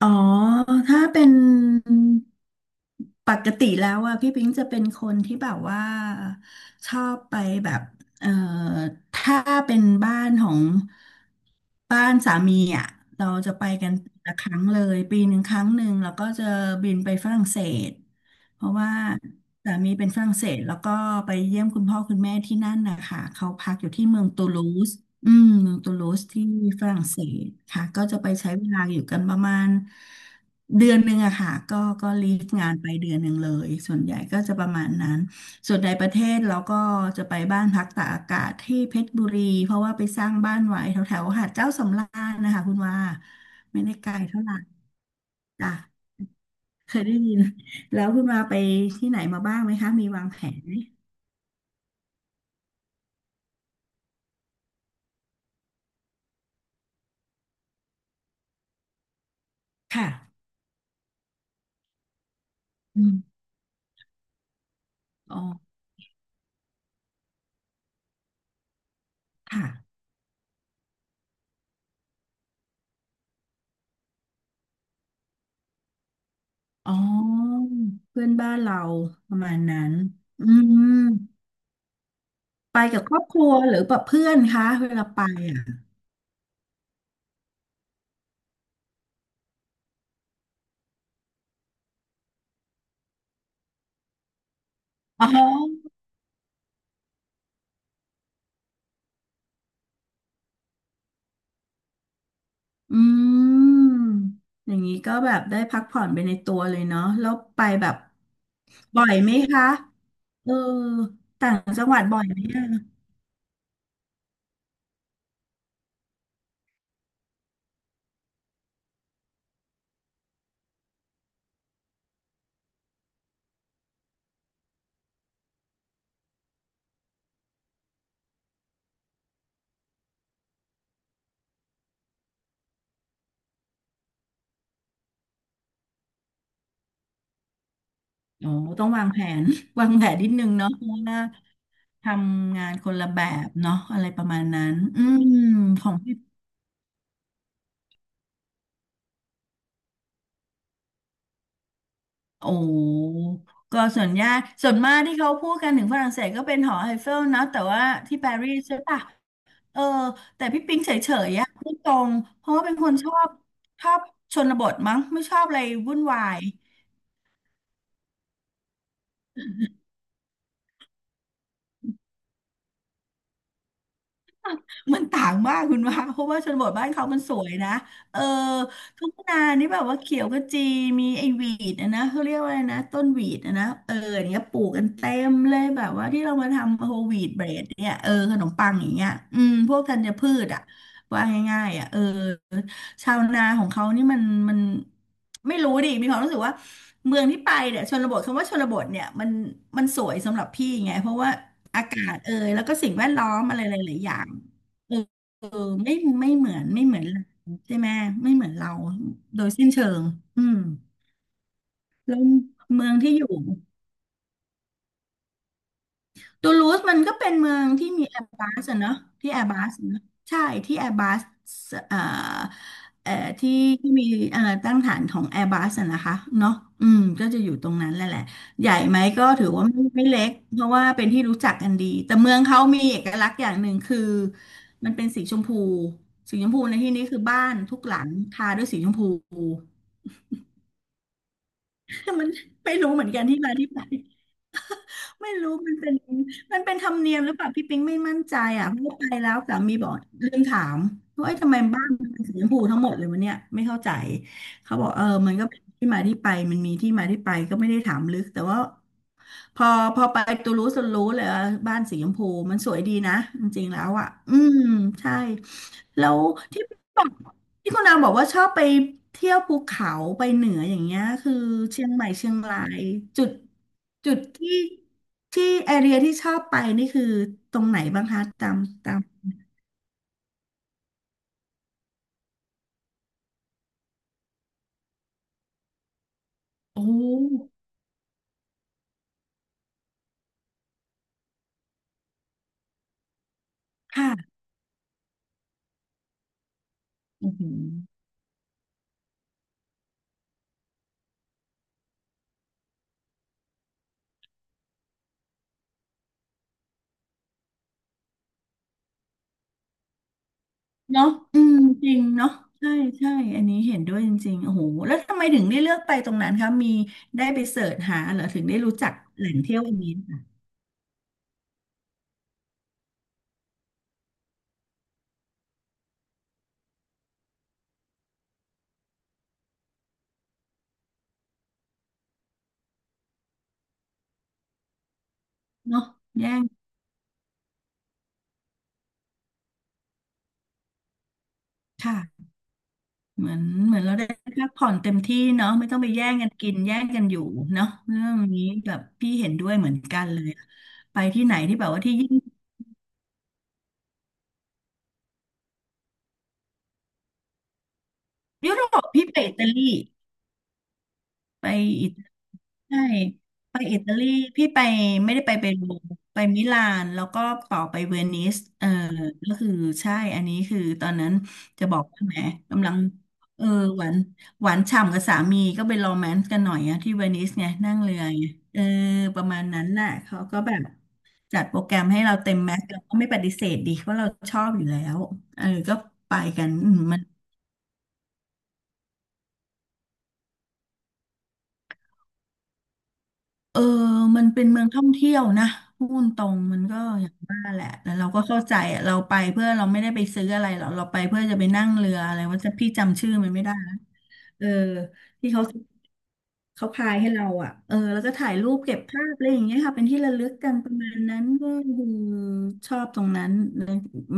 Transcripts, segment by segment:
อ๋อ ถ้าเป็นปกติแล้วอะพี่ปิงจะเป็นคนที่แบบว่าชอบไปแบบเอ่อถ้าเป็นบ้านของบ้านสามีอะเราจะไปกันละครั้งเลยปีหนึ่งครั้งหนึ่งแล้วก็จะบินไปฝรั่งเศส เพราะว่าสามีเป็นฝรั่งเศสแล้วก็ไปเยี่ยมคุณพ่อคุณแม่ที่นั่นนะคะเขาพักอยู่ที่เมืองตูลูสอืมเมืองตูลูสที่ฝรั่งเศสค่ะก็จะไปใช้เวลาอยู่กันประมาณเดือนหนึ่งอะค่ะก็ลีฟงานไปเดือนหนึ่งเลยส่วนใหญ่ก็จะประมาณนั้นส่วนในประเทศเราก็จะไปบ้านพักตากอากาศที่เพชรบุรีเพราะว่าไปสร้างบ้านไว้แถวแถวหาดเจ้าสำราญนะคะคุณว่าไม่ได้ไกลเท่าไหร่จ้ะ เคยได้ยินแล้วคุณมาไปที่ไหนมาบ้างไหมคะมีวางแผนไหมค่ะอืมอ๋อค่ะอ๋อเพื่อนบ้านเราประมาณนั้นอืมไปกับครอบครัวหรือแบบเพื่อนคะเวลาไปอ่ะอ๋ออืมอย่างนี้ก็แบบได้พักผ่อนไปในตัวเลยเนาะแล้วไปแบบบ่อยไหมคะเออต่างจังหวัดบ่อยไหมอะ โอ้ต้องวางแผน วางแผนนิดนึงเนาะเพราะว่าทำงานคนละแบบเนาะอะไรประมาณนั้นอืมของพี่โอ้ก็ส่วนยากส่วนมากที่เขาพูดกันถึงฝรั่งเศสก็เป็นหอไอเฟลนะแต่ว่าที่ปารีสใช่ปะเออแต่พี่ปิงเฉยๆอะพูดตรงเพราะว่าเป็นคนชอบชอบชนบทมั้งไม่ชอบอะไรวุ่นวาย มันต่างมากคุณว่าเพราะว่าชนบทบ้านเขามันสวยนะเออทุ่งนานี่แบบว่าเขียวขจีมีไอ้หวีดอะนะเขาเรียกว่าอะไรนะต้นหวีดอะนะเอออย่างเนี้ยปลูกกันเต็มเลยแบบว่าที่เรามาทำโฮลวีดเบรดเนี่ยเออขนมปังอย่างเงี้ยอืมพวกธัญพืชอ่ะว่าง่ายๆอ่ะเออชาวนาของเขานี่มันไม่รู้ดิมีความรู้สึกว่าเมืองที่ไปเนี่ยชนบทคำว่าชนบทเนี่ยมันสวยสำหรับพี่ไงเพราะว่าอากาศเอยแล้วก็สิ่งแวดล้อมอะไรหลายๆอย่าง ไม่ไม่เหมือนเราใช่ไหมไม่เหมือนเราโดยสิ้นเชิงอืมแล้วเมืองที่อยู่ ตูลูสมันก็เป็นเมืองที่มีแอร์บัสเนาะที่แอร์บัสเนอะใช่ที่แอร์บัสเอ่อเอ่อที่มีตั้งฐานของแอร์บัสนะคะเนาะอืมก็จะอยู่ตรงนั้นแหละใหญ่ไหมก็ถือว่าไม่เล็กเพราะว่าเป็นที่รู้จักกันดีแต่เมืองเขามีเอกลักษณ์อย่างหนึ่งคือมันเป็นสีชมพูสีชมพูในที่นี้คือบ้านทุกหลังทาด้วยสีชมพู มันไม่รู้เหมือนกันที่มาที่ไป ไม่รู้มันเป็นธรรมเนียมหรือเปล่าพี่ปิงไม่มั่นใจอ่ะเพราะว่าไปแล้วสามีบอกลืมถามว่าเอ้ยทำไมบ้านมันเป็นสีชมพูทั้งหมดเลยวะเนี่ยไม่เข้าใจเขาบอกเออมันก็เป็นที่มาที่ไปมันมีที่มาที่ไปก็ไม่ได้ถามลึกแต่ว่าพอพอไปตูลูสรู้เลยว่าบ้านสีชมพูมันสวยดีนะจริงๆแล้วอ่ะอืมใช่แล้วที่บอก ที่คุณนางบอกว่าชอบไปเที่ยวภูเขาไปเหนืออย่างเงี้ยคือเชียงใหม่เชียงรายจุดจุดที่แอเรียที่ชอบไปนี่คือตรงไหนบ้างคะตามโอ้ค่ะอือหือเนาะอืมจริงเนาะใช่ใช่อันนี้เห็นด้วยจริงๆโอ้โหแล้วทำไมถึงได้เลือกไปตรงนั้นคะมีได้ไปเสิร์ชหาเหรอถึงได้รู้จักแหล่งเที่ยวอันนี้ค่ะเนาะแย่งค่ะ เหมือนเหมือนเราได้พักผ่อนเต็มที่เนาะไม่ต้องไปแย่งกันกินแย่งกันอยู่เนาะเรื่องนี้แบบพี่เห็นด้วยเหมือนกันเลยไปที่ไหนที่แบบว่าที่ยิ่งยุโรปพี่ไปอิตาลีไปอิ ใช่ไปอิตาลีพี่ไปไม่ได้ไปเปรูไปมิลานแล้วก็ต่อไปเวนิสเออก็คือใช่อันนี้คือตอนนั้นจะบอกว่าแหมกำลังเออหวานหวานฉ่ำกับสามีก็ไปโรแมนต์กันหน่อยอะที่เวนิสไงนั่งเรือไงเออประมาณนั้นน่ะเขาก็แบบจัดโปรแกรมให้เราเต็มแม็กซ์เราก็ไม่ปฏิเสธดีเพราะเราชอบอยู่แล้วเออก็ไปกันอืมมัน เออมันเป็นเมืองท่องเที่ยวนะพูดตรงมันก็อย่างว่าแหละแต่เราก็เข้าใจอะเราไปเพื่อเราไม่ได้ไปซื้ออะไรหรอกเราไปเพื่อจะไปนั่งเรืออะไรว่าจะพี่จำชื่อมันไม่ได้นะเออที่เขาเขาพายให้เราอ่ะเออแล้วก็ถ่ายรูปเก็บภาพอะไรอย่างเงี้ยค่ะเป็นที่ระลึกกันประมาณนั้นก็คือชอบตรงนั้น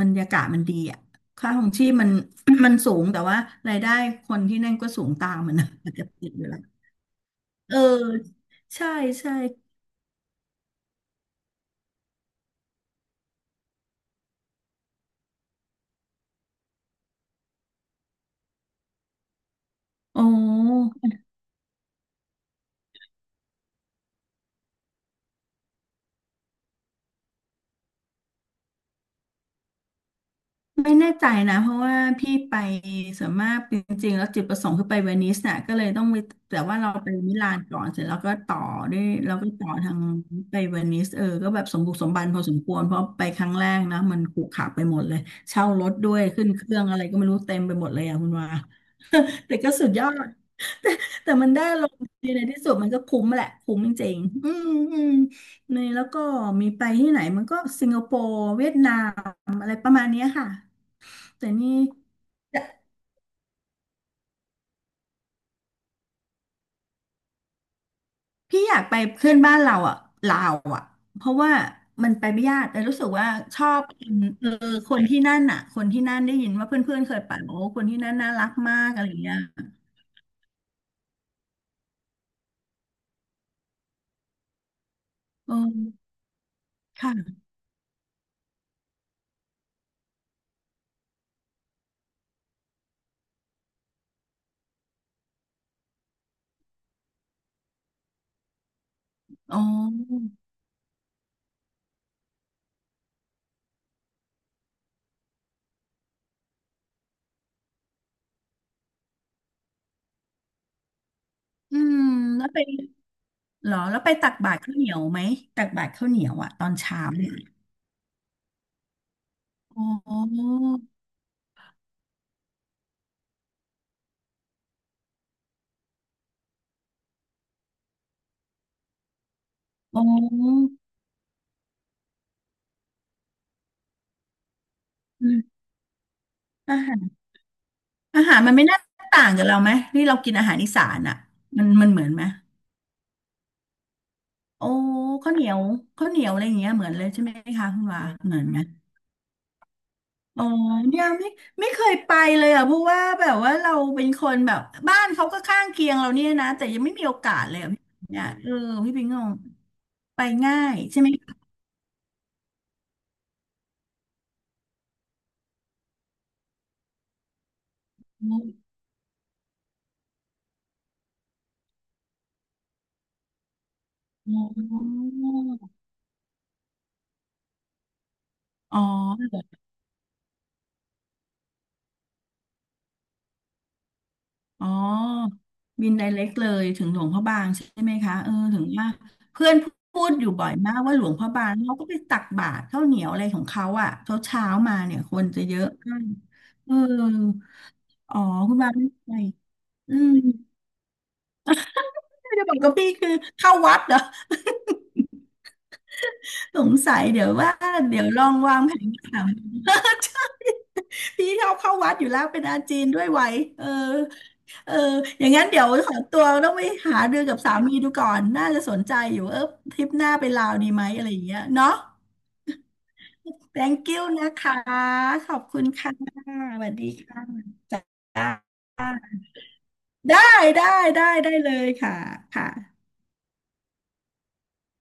บรรยากาศมันดีอ่ะค่าของชีพมัน มันสูงแต่ว่ารายได้คนที่นั่นก็สูงตามมันนะมันจกติดอยู่แล้วเออใช่ใช่โอ้ ไม่แน่ใจนะเพราะว่าพี่ไปส่วนมากจริงๆแล้วจุดประสงค์คือไปเวนิสน่ะก็เลยต้องไปแต่ว่าเราไปมิลานก่อนเสร็จแล้วก็ต่อด้วยเราก็ต่อทางไปเวนิสก็แบบสมบุกสมบันพอสมควรเพราะไปครั้งแรกนะมันขรุขระไปหมดเลยเช่ารถด้วยขึ้นเครื่องอะไรก็ไม่รู้เต็มไปหมดเลยอ่ะคุณว่า แต่ก็สุดยอดแต่ได้ลงดีในที่สุดมันก็คุ้มแหละคุ้มจริงๆอืมอืมในแล้วก็มีไปที่ไหนมันก็สิงคโปร์เวียดนามอะไรประมาณเนี้ยค่ะ แต่นี่พี่อยากไปเพื่อนบ้านเราอ่ะลาวอ่ะเพราะว่ามันไปไม่ยากแต่รู้สึกว่าชอบคนคนที่นั่นอ่ะคนที่นั่นได้ยินว่าเพื่อนๆเคยไปบอกว่าคนที่นั่นน่ารักมากอะไรอย่างเงี้ยเออค่ะอ๋ออืมแล้วไปเหรอแล้วไปตักบาตรข้าวเหนียวไหมตักบาตรข้าวเหนียวอ่ะตอนเช้าเนี่ยอ๋ออ๋ออืมอาหารอาหารมันไม่น่าต่างกับเราไหมนี่เรากินอาหารอีสานอ่ะมันมันเหมือนไหม โอ้ข้าวเหนียวข้าวเหนียวอะไรอย่างเงี้ยเหมือนเลยใช่ไหมคะคุณว่าเหมือนไหมอ๋อเนี่ยไม่ไม่เคยไปเลยอ่ะเพราะว่าแบบว่าเราเป็นคนแบบบ้านเขาก็ข้างเคียงเราเนี่ยนะ แต่ยังไม่มีโอกาสเลยอะพี่เนี่ยเออพี่ปิงงงไปง่ายใช่ไหมคะอ๋ออ๋อ อ๋อบินไดเรกเลยถึงหลวงพระบางใช่ไหมคะเออถึงว่าเพื่อนพูดอยู่บ่อยมากว่าหลวงพระบางเขาก็ไปตักบาตรข้าวเหนียวอะไรของเขาอ่ะเช้าเช้ามาเนี่ยคนจะเยอะมากเอออ๋อคุณบาไม่ไปอืมไม่ดบอกกับพี่คือเข้าวัดเหรอ สงสัยเดี๋ยวว่าเดี๋ยวลองวางแผนถาม ใช่พี่ชอบเข้าวัดอยู่แล้วเป็นอาจีนด้วยไหวเออ เอออย่างนั้นเดี๋ยวขอตัวต้องไปหาเรือกับสามีดูก่อน น่าจะสนใจอยู่เออทริปหน้าไปลาวดีไหมอะไรอย่างเงี้ยเนาะ thank y o วนะคะขอบคุณค่ะสวัสดีค่ะจ้าได้ได้ได้เลยค่ะค่ะ